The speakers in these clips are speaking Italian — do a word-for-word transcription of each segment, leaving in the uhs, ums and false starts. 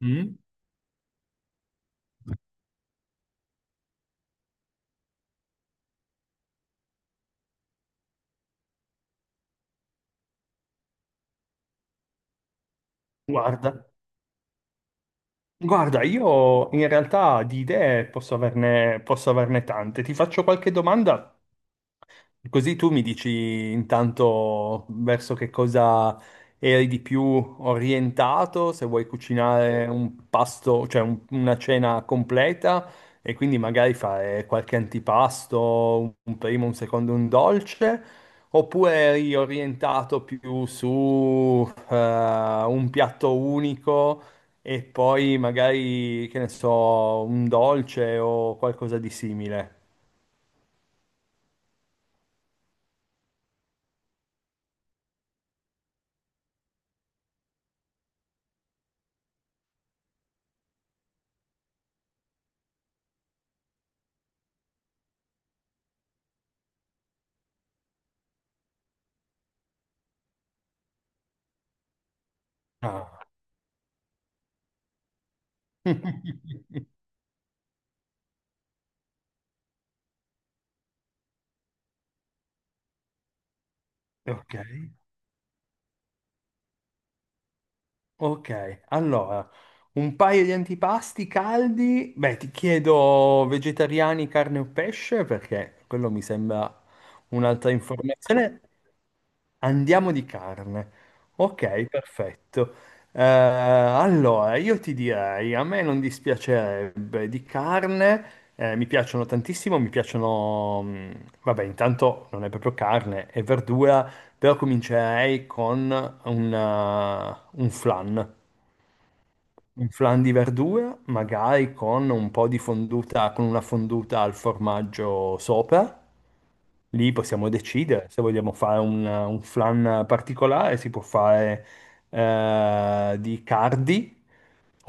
Mm? Guarda, guarda, io in realtà di idee posso averne, posso averne tante. Ti faccio qualche domanda, così tu mi dici intanto verso che cosa eri di più orientato, se vuoi cucinare un pasto, cioè un- una cena completa e quindi magari fare qualche antipasto, un primo, un secondo, un dolce, oppure eri orientato più su eh, un piatto unico e poi magari, che ne so, un dolce o qualcosa di simile. Ah. Ok. Ok, allora, un paio di antipasti caldi. Beh, ti chiedo vegetariani, carne o pesce, perché quello mi sembra un'altra informazione. Andiamo di carne. Ok, perfetto. Eh, allora, io ti direi, a me non dispiacerebbe di carne, eh, mi piacciono tantissimo, mi piacciono, mh, vabbè, intanto non è proprio carne, è verdura, però comincerei con una- un flan, un flan di verdura, magari con un po' di fonduta, con una fonduta al formaggio sopra. Lì possiamo decidere se vogliamo fare un, uh, un flan particolare, si può fare eh, di cardi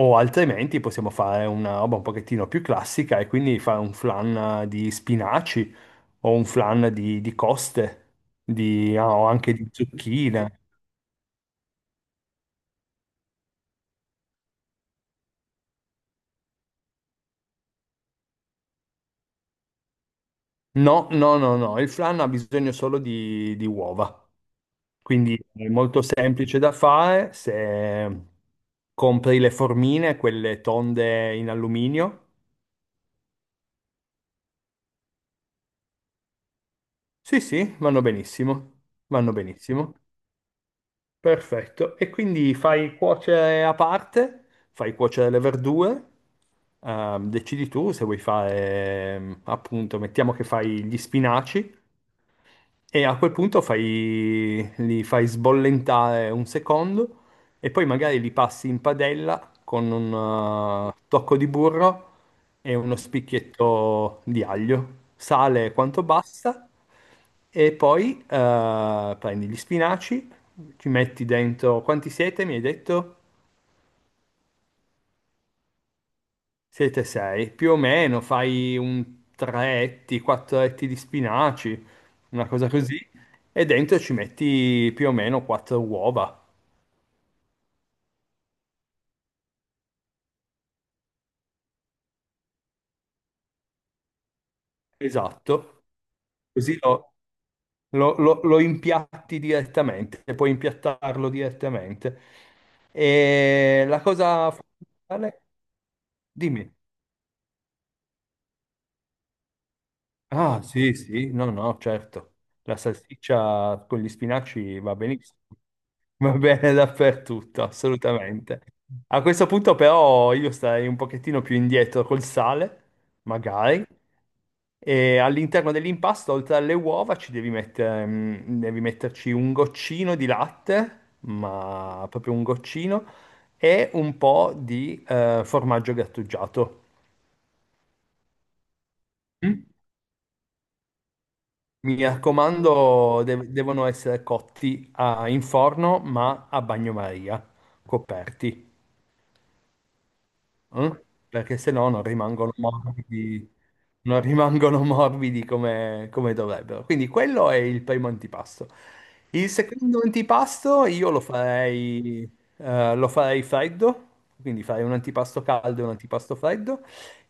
o altrimenti possiamo fare una roba un pochettino più classica e quindi fare un flan di spinaci o un flan di, di coste, di- ah, o anche di zucchine. No, no, no, no, il flan ha bisogno solo di, di uova, quindi è molto semplice da fare se compri le formine, quelle tonde in alluminio. Sì, sì, vanno benissimo, vanno benissimo. Perfetto. E quindi fai cuocere a parte, fai cuocere le verdure, ehm, decidi tu se vuoi fare, ehm, appunto, mettiamo che fai gli spinaci. E a quel punto fai, li fai sbollentare un secondo e poi magari li passi in padella con un eh, tocco di burro e uno spicchietto di aglio, sale quanto basta e poi eh, prendi gli spinaci, ci metti dentro, quanti siete mi hai detto? Siete sei, più o meno fai un tre etti, quattro etti di spinaci, una cosa così, e dentro ci metti più o meno quattro uova. Esatto, così lo, lo- lo- lo impiatti direttamente, e puoi impiattarlo direttamente. E la cosa fondamentale, dimmi. Ah, sì, sì, no, no, certo. La salsiccia con gli spinaci va benissimo. Va bene dappertutto, assolutamente. A questo punto però io starei un pochettino più indietro col sale, magari, e all'interno dell'impasto, oltre alle uova, ci devi mettere, mm, devi metterci un goccino di latte, ma proprio un goccino, e un po' di eh, formaggio grattugiato. Mm? Mi raccomando, de- devono essere cotti a- in forno, ma a bagnomaria, coperti. Mm? Perché se no non rimangono morbidi, non rimangono morbidi come, come dovrebbero. Quindi quello è il primo antipasto. Il secondo antipasto io lo farei, eh, lo farei freddo, quindi farei un antipasto caldo e un antipasto freddo.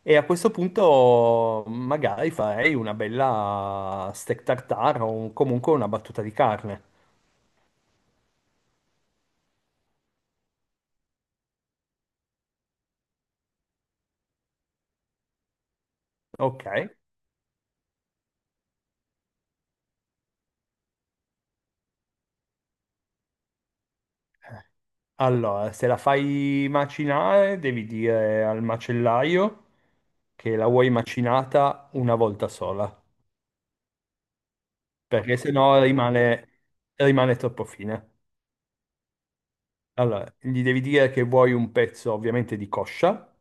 E a questo punto magari farei una bella steak tartare o comunque una battuta di carne. Ok? Allora, se la fai macinare, devi dire al macellaio che la vuoi macinata una volta sola, perché Ok. sennò rimane, rimane troppo fine. Allora, gli devi dire che vuoi un pezzo ovviamente di coscia,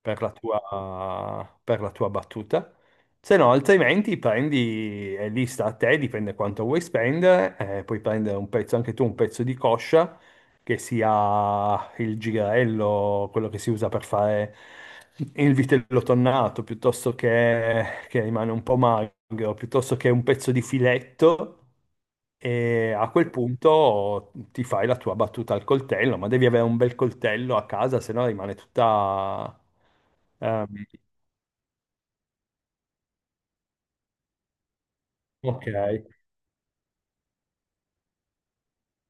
per la tua, per la tua battuta. Se no, altrimenti prendi, è lì sta a te, dipende quanto vuoi spendere, eh, puoi prendere un pezzo, anche tu un pezzo di coscia, che sia il girello, quello che si usa per fare il vitello tonnato, piuttosto che, che rimane un po' magro, piuttosto che un pezzo di filetto, e a quel punto ti fai la tua battuta al coltello, ma devi avere un bel coltello a casa, se no rimane tutta... Ah, ok,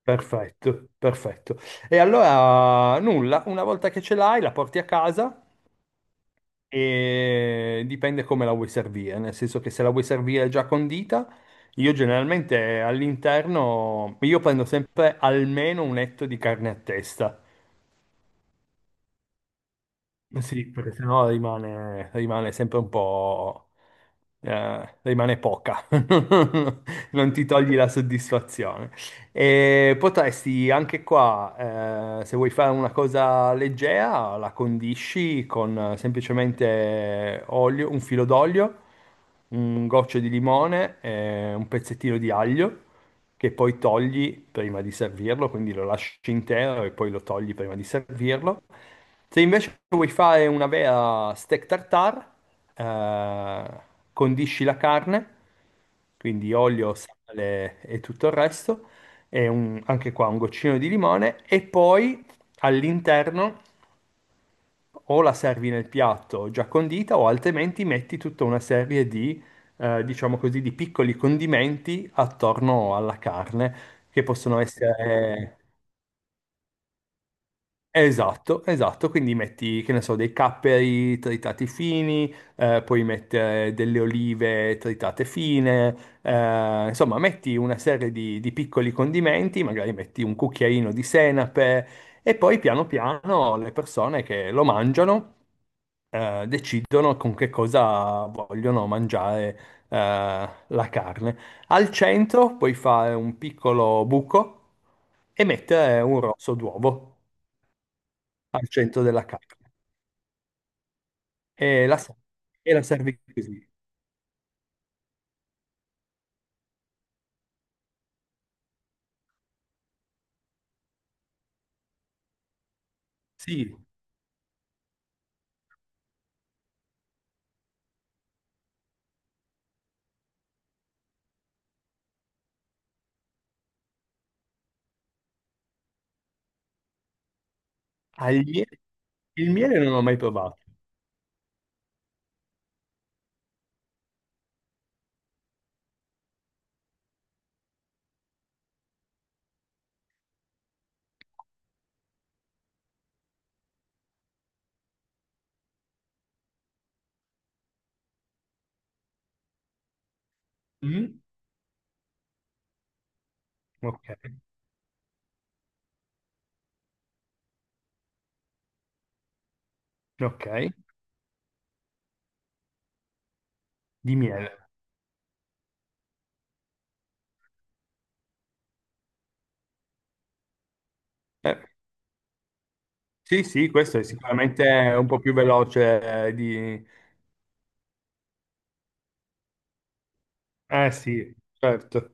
perfetto, perfetto. E allora nulla, una volta che ce l'hai la porti a casa e dipende come la vuoi servire, nel senso che se la vuoi servire già condita, io generalmente all'interno, io prendo sempre almeno un etto di carne a testa. Eh sì, perché sennò rimane, rimane sempre un po'... eh, rimane poca, non ti togli la soddisfazione. E potresti anche qua, eh, se vuoi fare una cosa leggera, la condisci con eh, semplicemente olio, un filo d'olio, un goccio di limone, e un pezzettino di aglio che poi togli prima di servirlo, quindi lo lasci intero e poi lo togli prima di servirlo. Se invece vuoi fare una vera steak tartare, eh, condisci la carne, quindi olio, sale e tutto il resto, e un- anche qua un goccino di limone, e poi all'interno o la servi nel piatto già condita o altrimenti metti tutta una serie di, eh, diciamo così, di piccoli condimenti attorno alla carne, che possono essere esatto, esatto, quindi metti, che ne so, dei capperi tritati fini, eh, puoi mettere delle olive tritate fine, eh, insomma, metti una serie di, di piccoli condimenti, magari metti un cucchiaino di senape e poi piano piano le persone che lo mangiano eh, decidono con che cosa vogliono mangiare eh, la carne. Al centro puoi fare un piccolo buco e mettere un rosso d'uovo al centro della carne e la, sa- e la servi così. Sì, al miele. Il miele non l'ho mai provato. Mm. Ok, ok, di miele. Eh, sì, sì, questo è sicuramente un po' più veloce eh, di... Eh sì, certo,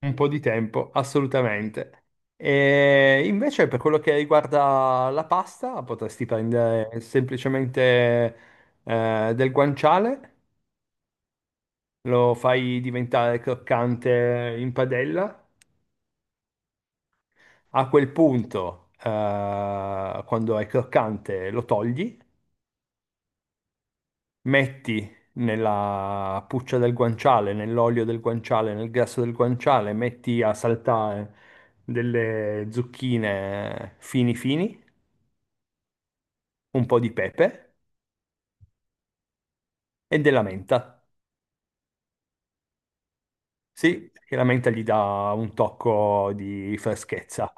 un po' di tempo, assolutamente. E invece per quello che riguarda la pasta, potresti prendere semplicemente eh, del guanciale, lo fai diventare croccante in padella. A quel punto, eh, quando è croccante, lo togli, metti nella puccia del guanciale, nell'olio del guanciale, nel grasso del guanciale, metti a saltare delle zucchine fini fini, un po' di pepe e della menta. Sì, perché la menta gli dà un tocco di freschezza.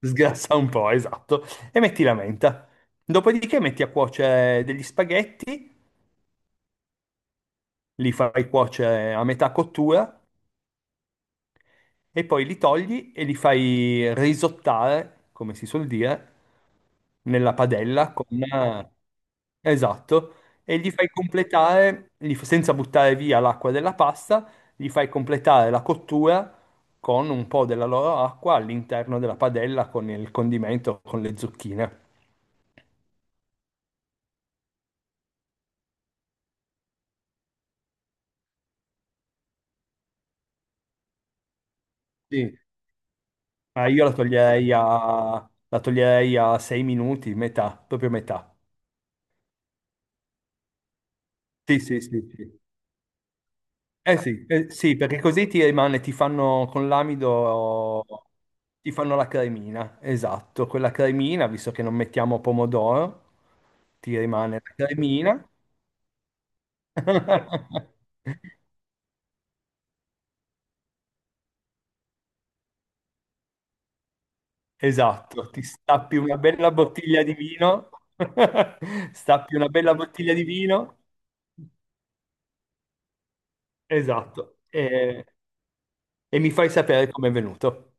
Sgrassa un po', esatto. E metti la menta. Dopodiché metti a cuocere degli spaghetti, li fai cuocere a metà cottura e poi li togli e li fai risottare, come si suol dire, nella padella con... Esatto, e gli fai completare, gli f- senza buttare via l'acqua della pasta, gli fai completare la cottura con un po' della loro acqua all'interno della padella con il condimento, con le zucchine. Sì. Ah, io la toglierei a, la toglierei a sei minuti, metà, proprio metà. Sì, sì, sì, sì. Eh sì, eh sì, perché così ti rimane, ti fanno con l'amido, ti fanno la cremina, esatto, quella cremina, visto che non mettiamo pomodoro, ti rimane la cremina. Esatto, ti stappi una bella bottiglia di vino, stappi una bella bottiglia di vino, esatto, e, e mi fai sapere com'è venuto.